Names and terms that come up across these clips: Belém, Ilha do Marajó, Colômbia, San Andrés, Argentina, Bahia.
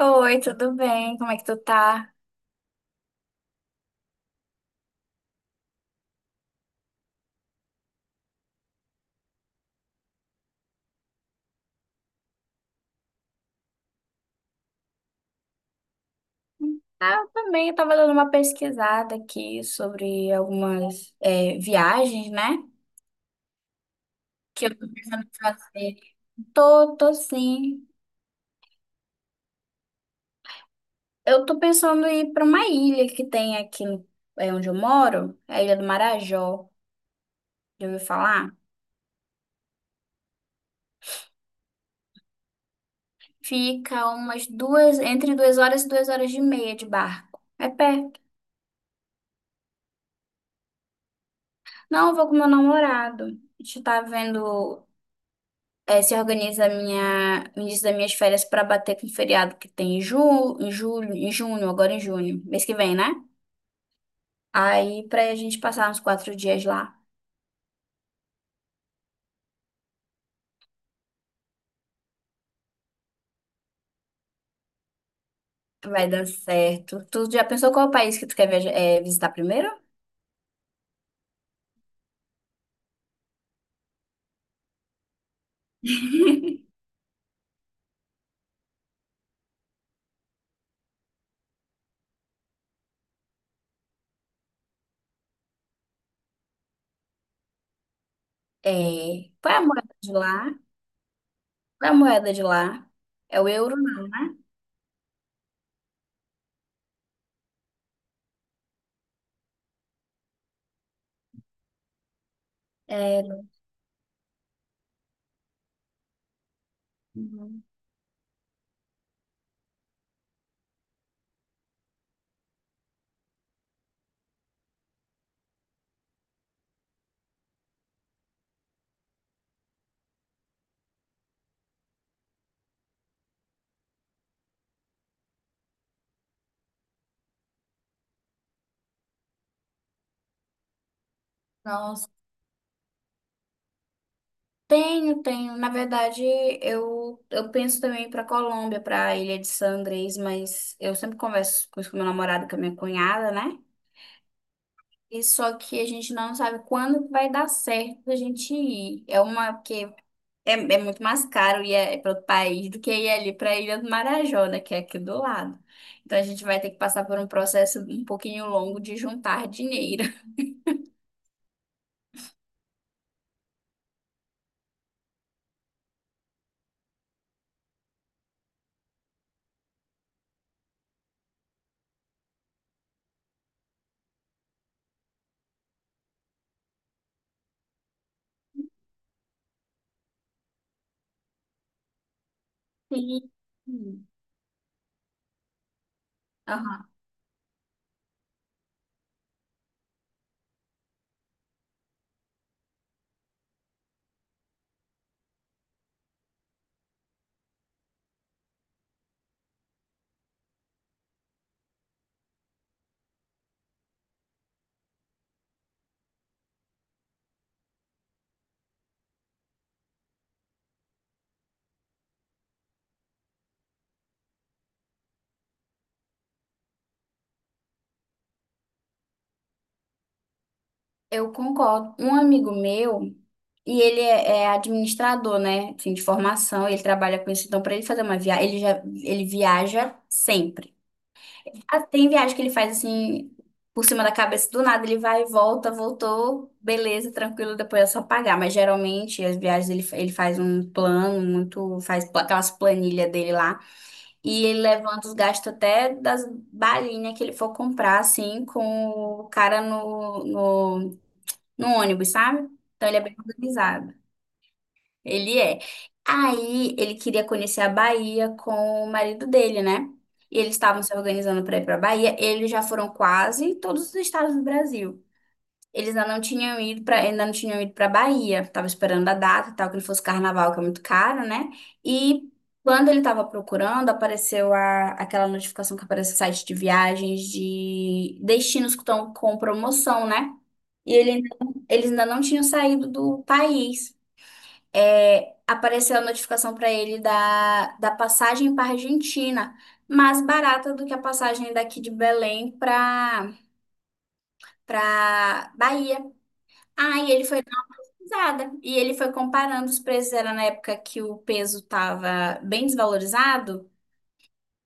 Oi, tudo bem? Como é que tu tá? Ah, eu também, eu tava dando uma pesquisada aqui sobre algumas viagens, né? Que eu tô pensando em fazer. Tô, tô sim. Eu tô pensando em ir pra uma ilha que tem aqui onde eu moro, é a Ilha do Marajó. Já ouviu falar? Fica entre 2 horas e 2 horas e meia de barco. É perto. Não, eu vou com meu namorado. A gente tá vendo. Se organiza o início das minhas férias para bater com o feriado que tem em julho, em junho, agora em junho, mês que vem, né? Aí pra a gente passar uns 4 dias lá, vai dar certo. Tu já pensou qual é o país que tu quer visitar primeiro? É, qual é a moeda de lá? Qual é a moeda de lá? É o euro? É, não. Nossa. Tenho, tenho. Na verdade, eu penso também para Colômbia, para Ilha de San Andrés, mas eu sempre converso com isso com meu namorado, com a minha cunhada, né? E só que a gente não sabe quando que vai dar certo a gente ir. É uma Porque é muito mais caro ir para outro país do que ir ali para a Ilha do Marajó, né, que é aqui do lado. Então a gente vai ter que passar por um processo um pouquinho longo de juntar dinheiro. Sim. Aham. Eu concordo. Um amigo meu, e ele é administrador, né? Assim, de formação, ele trabalha com isso. Então, para ele fazer uma viagem, ele viaja sempre. Ah, tem viagem que ele faz assim, por cima da cabeça do nada, ele vai, volta, voltou, beleza, tranquilo, depois é só pagar. Mas geralmente as viagens ele faz um plano, aquelas planilhas dele lá. E ele levanta os gastos até das balinhas que ele for comprar, assim, com o cara no, no ônibus, sabe? Então ele é bem organizado. Ele é. Aí ele queria conhecer a Bahia com o marido dele, né? E eles estavam se organizando para ir para a Bahia. Eles já foram quase em todos os estados do Brasil. Eles ainda não tinham ido para, ainda não tinham ido para Bahia. Tava esperando a data, e tal, que ele fosse carnaval, que é muito caro, né? E quando ele tava procurando, apareceu aquela notificação que aparece no site de viagens de destinos que estão com promoção, né? E ele, ainda- Eles ainda não tinham saído do país. É, apareceu a notificação para ele da, passagem para Argentina, mais barata do que a passagem daqui de Belém para Bahia. Aí ele foi nada. E ele foi comparando os preços, era na época que o peso estava bem desvalorizado.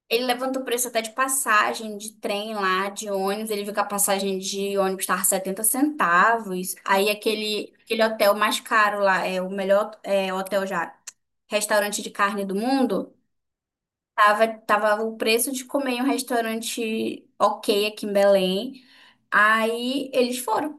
Ele levantou o preço até de passagem, de trem lá, de ônibus. Ele viu que a passagem de ônibus estava 70 centavos. Aí aquele hotel mais caro lá, é o melhor hotel, já restaurante de carne do mundo, tava o preço de comer em um restaurante ok aqui em Belém. Aí eles foram.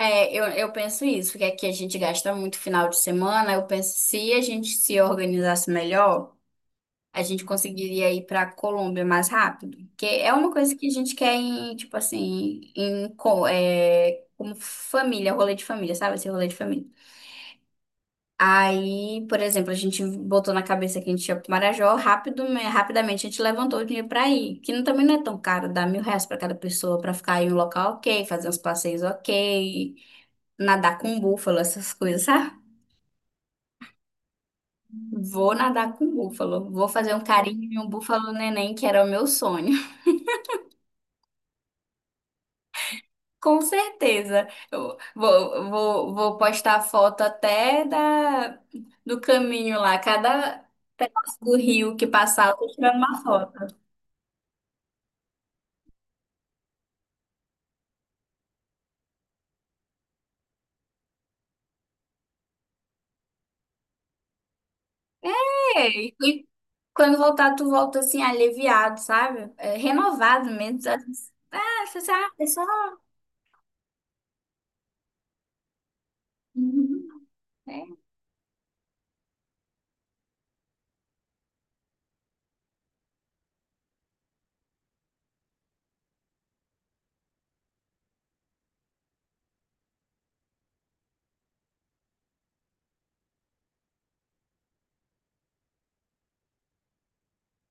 É, eu penso isso, porque aqui a gente gasta muito final de semana. Eu penso, se a gente se organizasse melhor, a gente conseguiria ir para Colômbia mais rápido. Porque é uma coisa que a gente quer em, tipo assim, em, como família, rolê de família, sabe? Esse rolê de família. Aí, por exemplo, a gente botou na cabeça que a gente ia para Marajó, rápido, né, rapidamente a gente levantou o dinheiro para ir, que não- também não é tão caro, dá mil reais para cada pessoa para ficar em um local ok, fazer uns passeios ok, nadar com um búfalo, essas coisas, sabe? Vou nadar com um búfalo. Vou fazer um carinho em um búfalo neném, que era o meu sonho. Com certeza. Eu vou postar foto até do caminho lá. Cada pedaço do rio que passar, eu tô tirando uma foto. E quando voltar, tu volta assim, aliviado, sabe? É, renovado mesmo. Sabe? Ah, você sabe, pessoal. Uhum. É.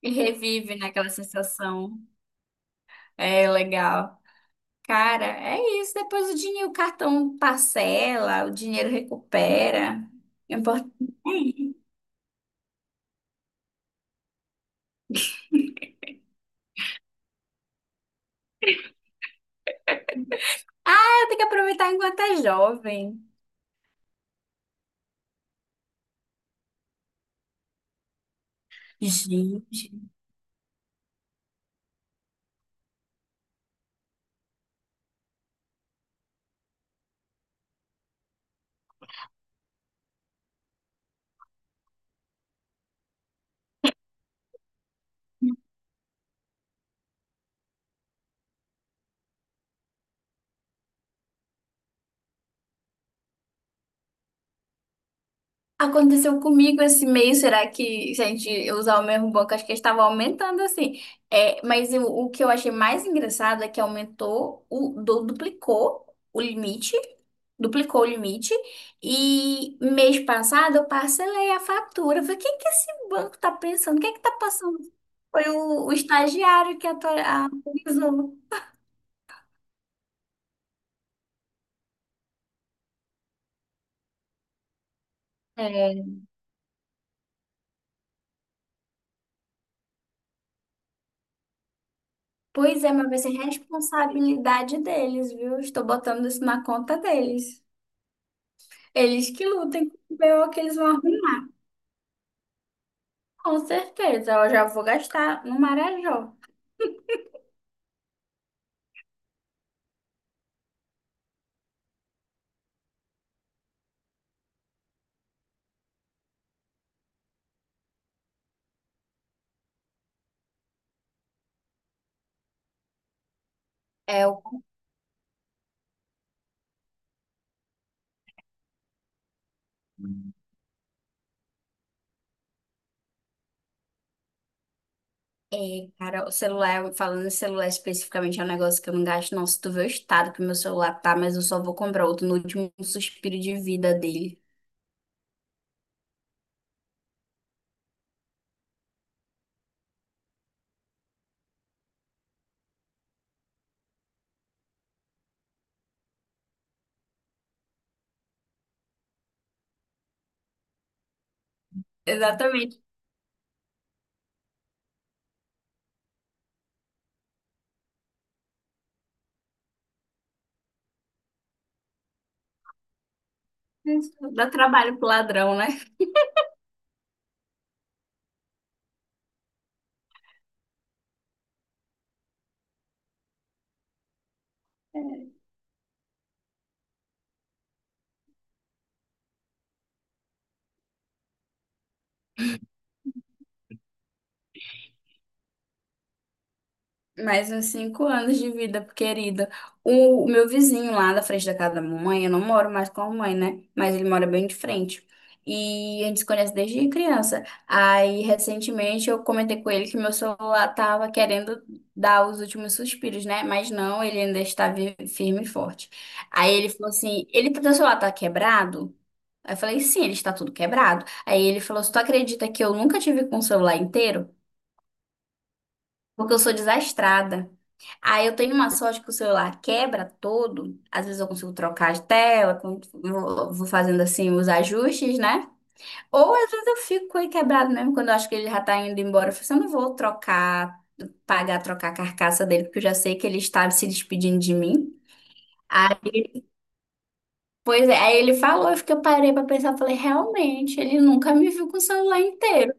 E revive naquela sensação. É legal. Cara, é isso. Depois o dinheiro, o cartão parcela, o dinheiro recupera. É importante. É, tem que aproveitar enquanto é jovem. Gente. Aconteceu comigo esse mês, será que se a gente usar o mesmo banco, acho que estava aumentando assim. É, mas o que eu achei mais engraçado é que aumentou, o limite, duplicou o limite, e mês passado eu parcelei a fatura. Eu falei, o que que esse banco tá pensando? O que que tá passando? Foi o estagiário que atualizou. É. Pois é, mas vai ser responsabilidade deles, viu? Estou botando isso na conta deles. Eles que lutem com o BO que eles vão arrumar. Com certeza, eu já vou gastar no Marajó. É, o- cara, o celular, falando em celular especificamente, é um negócio que eu não gasto, não. Se tu vê o estado que meu celular tá, mas eu só vou comprar outro no último suspiro de vida dele. Exatamente. Dá trabalho pro ladrão, né? Mais uns 5 anos de vida, querida. O meu vizinho lá da frente da casa da mamãe, eu não moro mais com a mamãe, né? Mas ele mora bem de frente. E a gente se conhece desde criança. Aí, recentemente, eu comentei com ele que meu celular tava querendo dar os últimos suspiros, né? Mas não, ele ainda está firme e forte. Aí ele falou assim: ele, teu celular tá quebrado? Aí eu falei: sim, ele está tudo quebrado. Aí ele falou: se tu acredita que eu nunca tive com o celular inteiro? Porque eu sou desastrada. Aí eu tenho uma sorte que o celular quebra todo. Às vezes eu consigo trocar de tela, vou fazendo assim os ajustes, né? Ou às vezes eu fico com ele quebrado mesmo quando eu acho que ele já tá indo embora. Eu falo assim, eu não vou trocar, pagar, trocar a carcaça dele, porque eu já sei que ele está se despedindo de mim. Aí, pois é, aí ele falou, eu fiquei, eu parei pra pensar, falei, realmente, ele nunca me viu com o celular inteiro.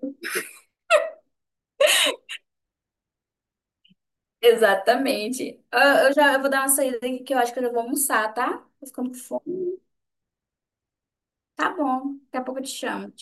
Exatamente. Eu vou dar uma saída aqui que eu acho que eu já vou almoçar, tá? Tô ficando com fome. Tá bom, daqui a pouco eu te chamo.